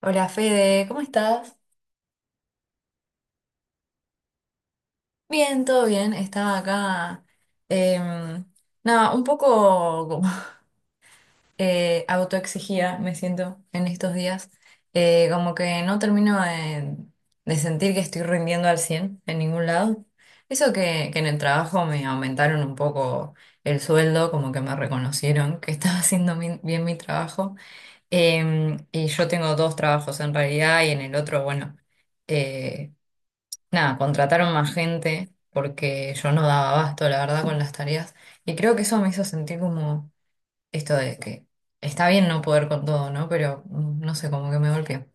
Hola Fede, ¿cómo estás? Bien, todo bien. Estaba acá, em, nada, un poco como, autoexigida me siento en estos días. Como que no termino de sentir que estoy rindiendo al 100 en ningún lado. Eso que en el trabajo me aumentaron un poco el sueldo, como que me reconocieron que estaba haciendo bien mi trabajo. Y yo tengo dos trabajos en realidad y en el otro, bueno. eh, Nada, contrataron más gente porque yo no daba abasto, la verdad, con las tareas. Y creo que eso me hizo sentir como esto de que está bien no poder con todo, ¿no? Pero no sé, como que me golpeó.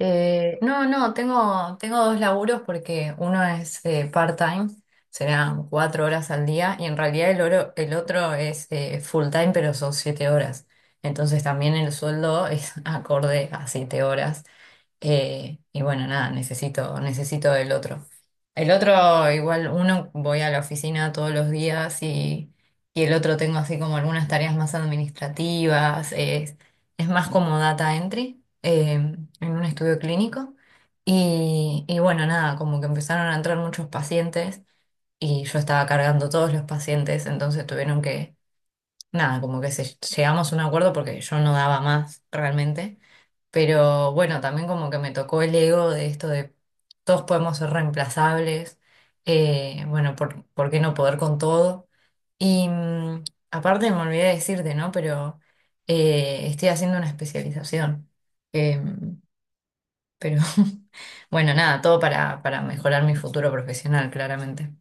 No, tengo dos laburos porque uno es part-time, serán 4 horas al día, y en realidad el otro es full-time, pero son 7 horas. Entonces también el sueldo es acorde a 7 horas. Y bueno, nada, necesito el otro. El otro, igual uno voy a la oficina todos los días y el otro tengo así como algunas tareas más administrativas, es más como data entry en un estudio clínico. Y bueno, nada, como que empezaron a entrar muchos pacientes y yo estaba cargando todos los pacientes, entonces tuvieron nada, llegamos a un acuerdo porque yo no daba más realmente. Pero bueno, también como que me tocó el ego de esto de todos podemos ser reemplazables, ¿por qué no poder con todo? Y aparte me olvidé decirte, ¿no? Pero estoy haciendo una especialización. Em, pero bueno, nada, todo para mejorar mi futuro profesional, claramente.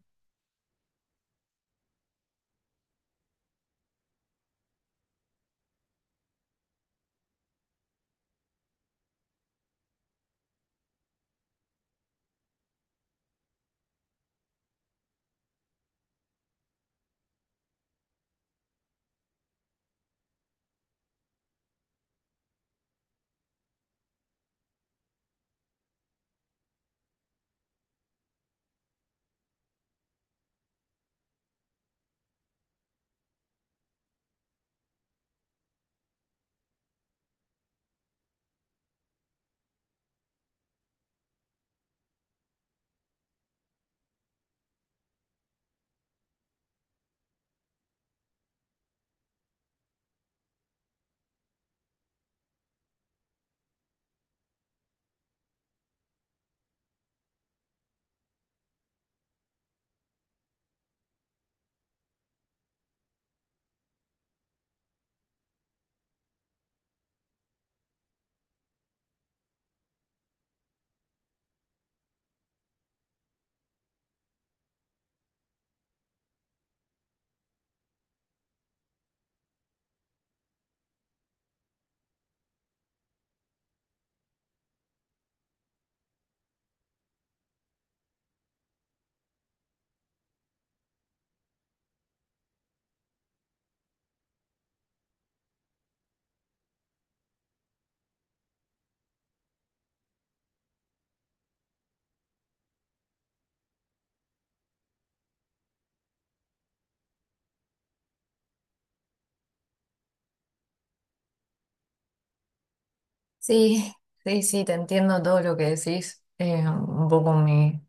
Sí, sí, sí, te entiendo todo lo que decís. Un poco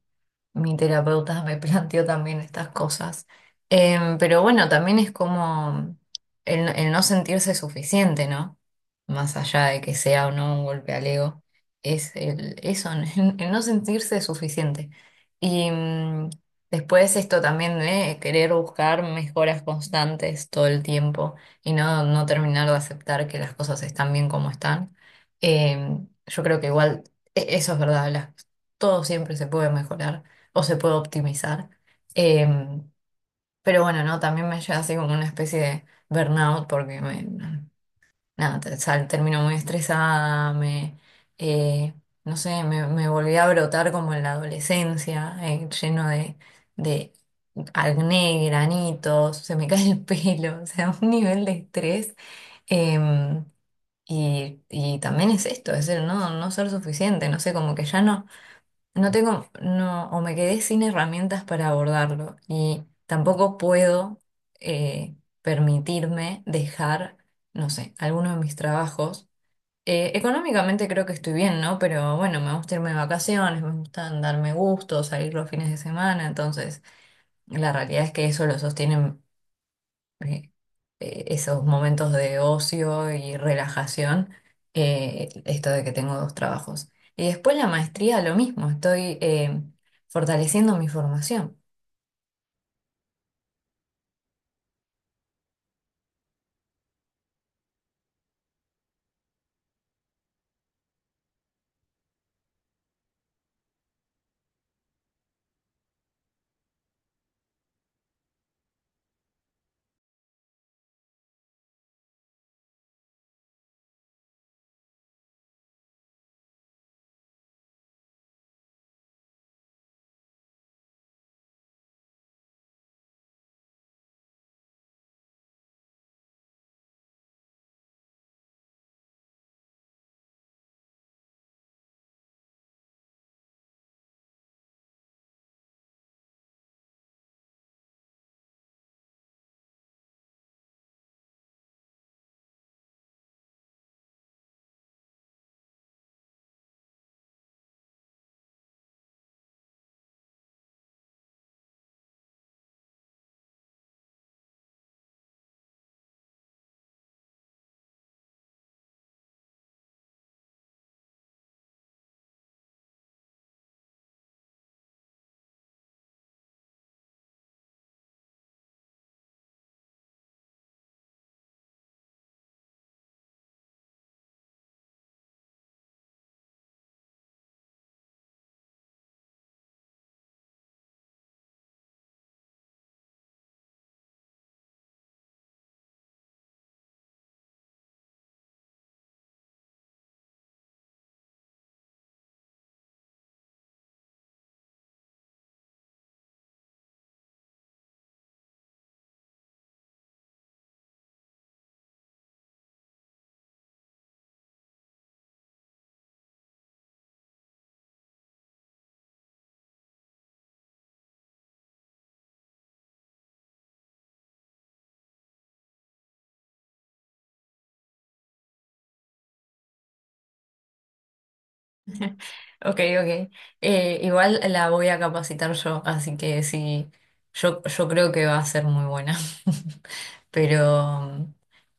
mi terapeuta me planteó también estas cosas. Pero bueno, también es como el no sentirse suficiente, ¿no? Más allá de que sea o no un golpe al ego, es eso, el no sentirse suficiente. Y después esto también de querer buscar mejoras constantes todo el tiempo y no terminar de aceptar que las cosas están bien como están. Yo creo que igual, eso es verdad, todo siempre se puede mejorar o se puede optimizar. Em, pero bueno, no, también me lleva así como una especie de burnout porque nada, termino muy estresada, eh, no sé, me volví a brotar como en la adolescencia, lleno de acné, granitos, se me cae el pelo, o sea, un nivel de estrés. em, y, y también es esto, es el no ser suficiente, no sé, como que ya no. O me quedé sin herramientas para abordarlo y tampoco puedo eh, permitirme dejar, no sé, alguno de mis trabajos. Económicamente creo que estoy bien, ¿no? Pero bueno, me gusta irme de vacaciones, me gusta darme gusto, salir los fines de semana, entonces la realidad es que eso lo sostiene eh, esos momentos de ocio y relajación, esto de que tengo dos trabajos. Y después la maestría, lo mismo, estoy fortaleciendo mi formación. Ok, ok. Igual la voy a capacitar yo, así que sí, yo creo que va a ser muy buena. Pero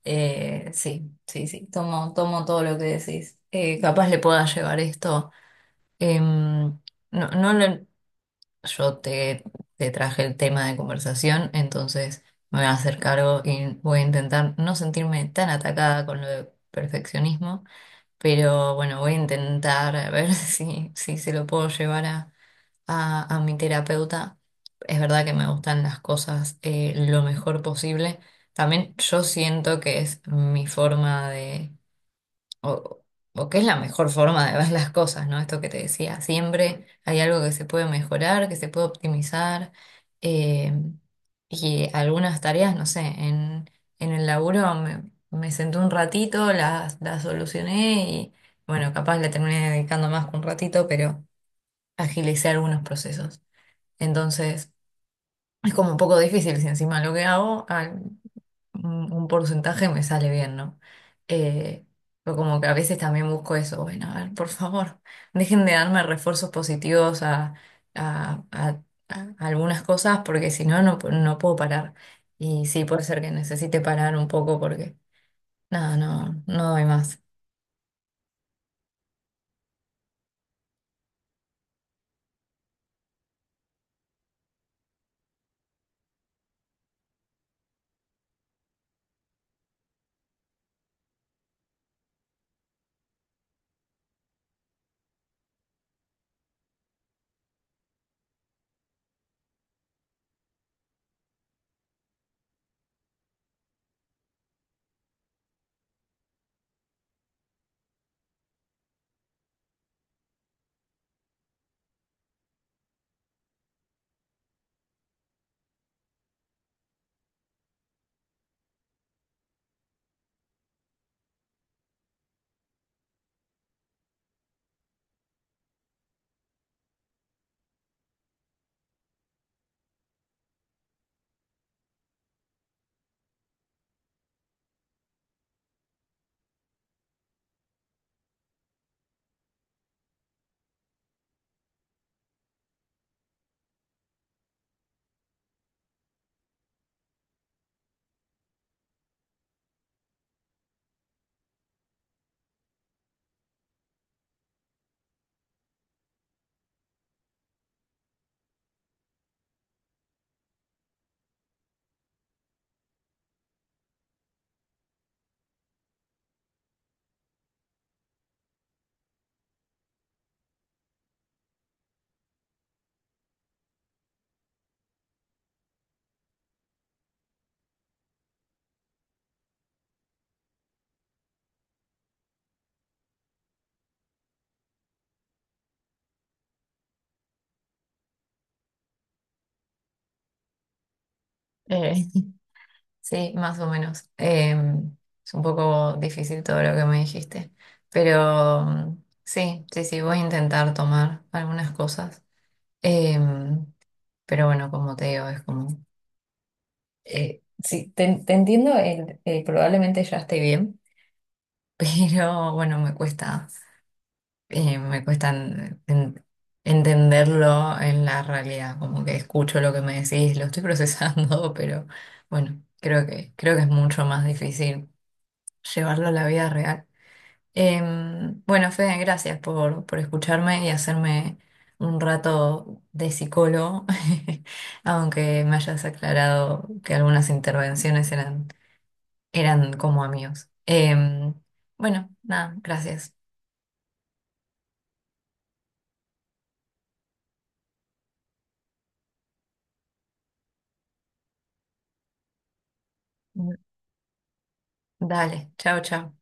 sí, sí, sí, tomo todo lo que decís. Capaz le pueda llevar esto. Em, no, no lo, Yo te traje el tema de conversación, entonces me voy a hacer cargo y voy a intentar no sentirme tan atacada con lo de perfeccionismo, pero bueno, voy a intentar a ver si se lo puedo llevar a mi terapeuta. Es verdad que me gustan las cosas lo mejor posible. También yo siento que es mi forma de o, o qué es la mejor forma de ver las cosas, ¿no? Esto que te decía, siempre hay algo que se puede mejorar, que se puede optimizar, eh, y algunas tareas, no sé, en el laburo me senté un ratito, las solucioné y bueno, capaz le terminé dedicando más que un ratito, pero agilicé algunos procesos. Entonces, es como un poco difícil si encima lo que hago, un porcentaje me sale bien, ¿no? Eh, pero como que a veces también busco eso, bueno, a ver, por favor, dejen de darme refuerzos positivos a- a- a algunas cosas porque si no, no puedo parar. Y sí, puede ser que necesite parar un poco porque, nada, no doy más. Eh, sí, más o menos. Es un poco difícil todo lo que me dijiste, pero sí, sí, sí, voy a intentar tomar algunas cosas. Em, Pero bueno, como te digo, es como... sí, te entiendo, probablemente ya esté bien, pero bueno, me cuesta entenderlo en la realidad, como que escucho lo que me decís, lo estoy procesando, pero bueno, creo que es mucho más difícil llevarlo a la vida real. Bueno, Fede, gracias por escucharme y hacerme un rato de psicólogo, aunque me hayas aclarado que algunas intervenciones eran como amigos. Em, bueno, nada, gracias. Dale, chao, chao.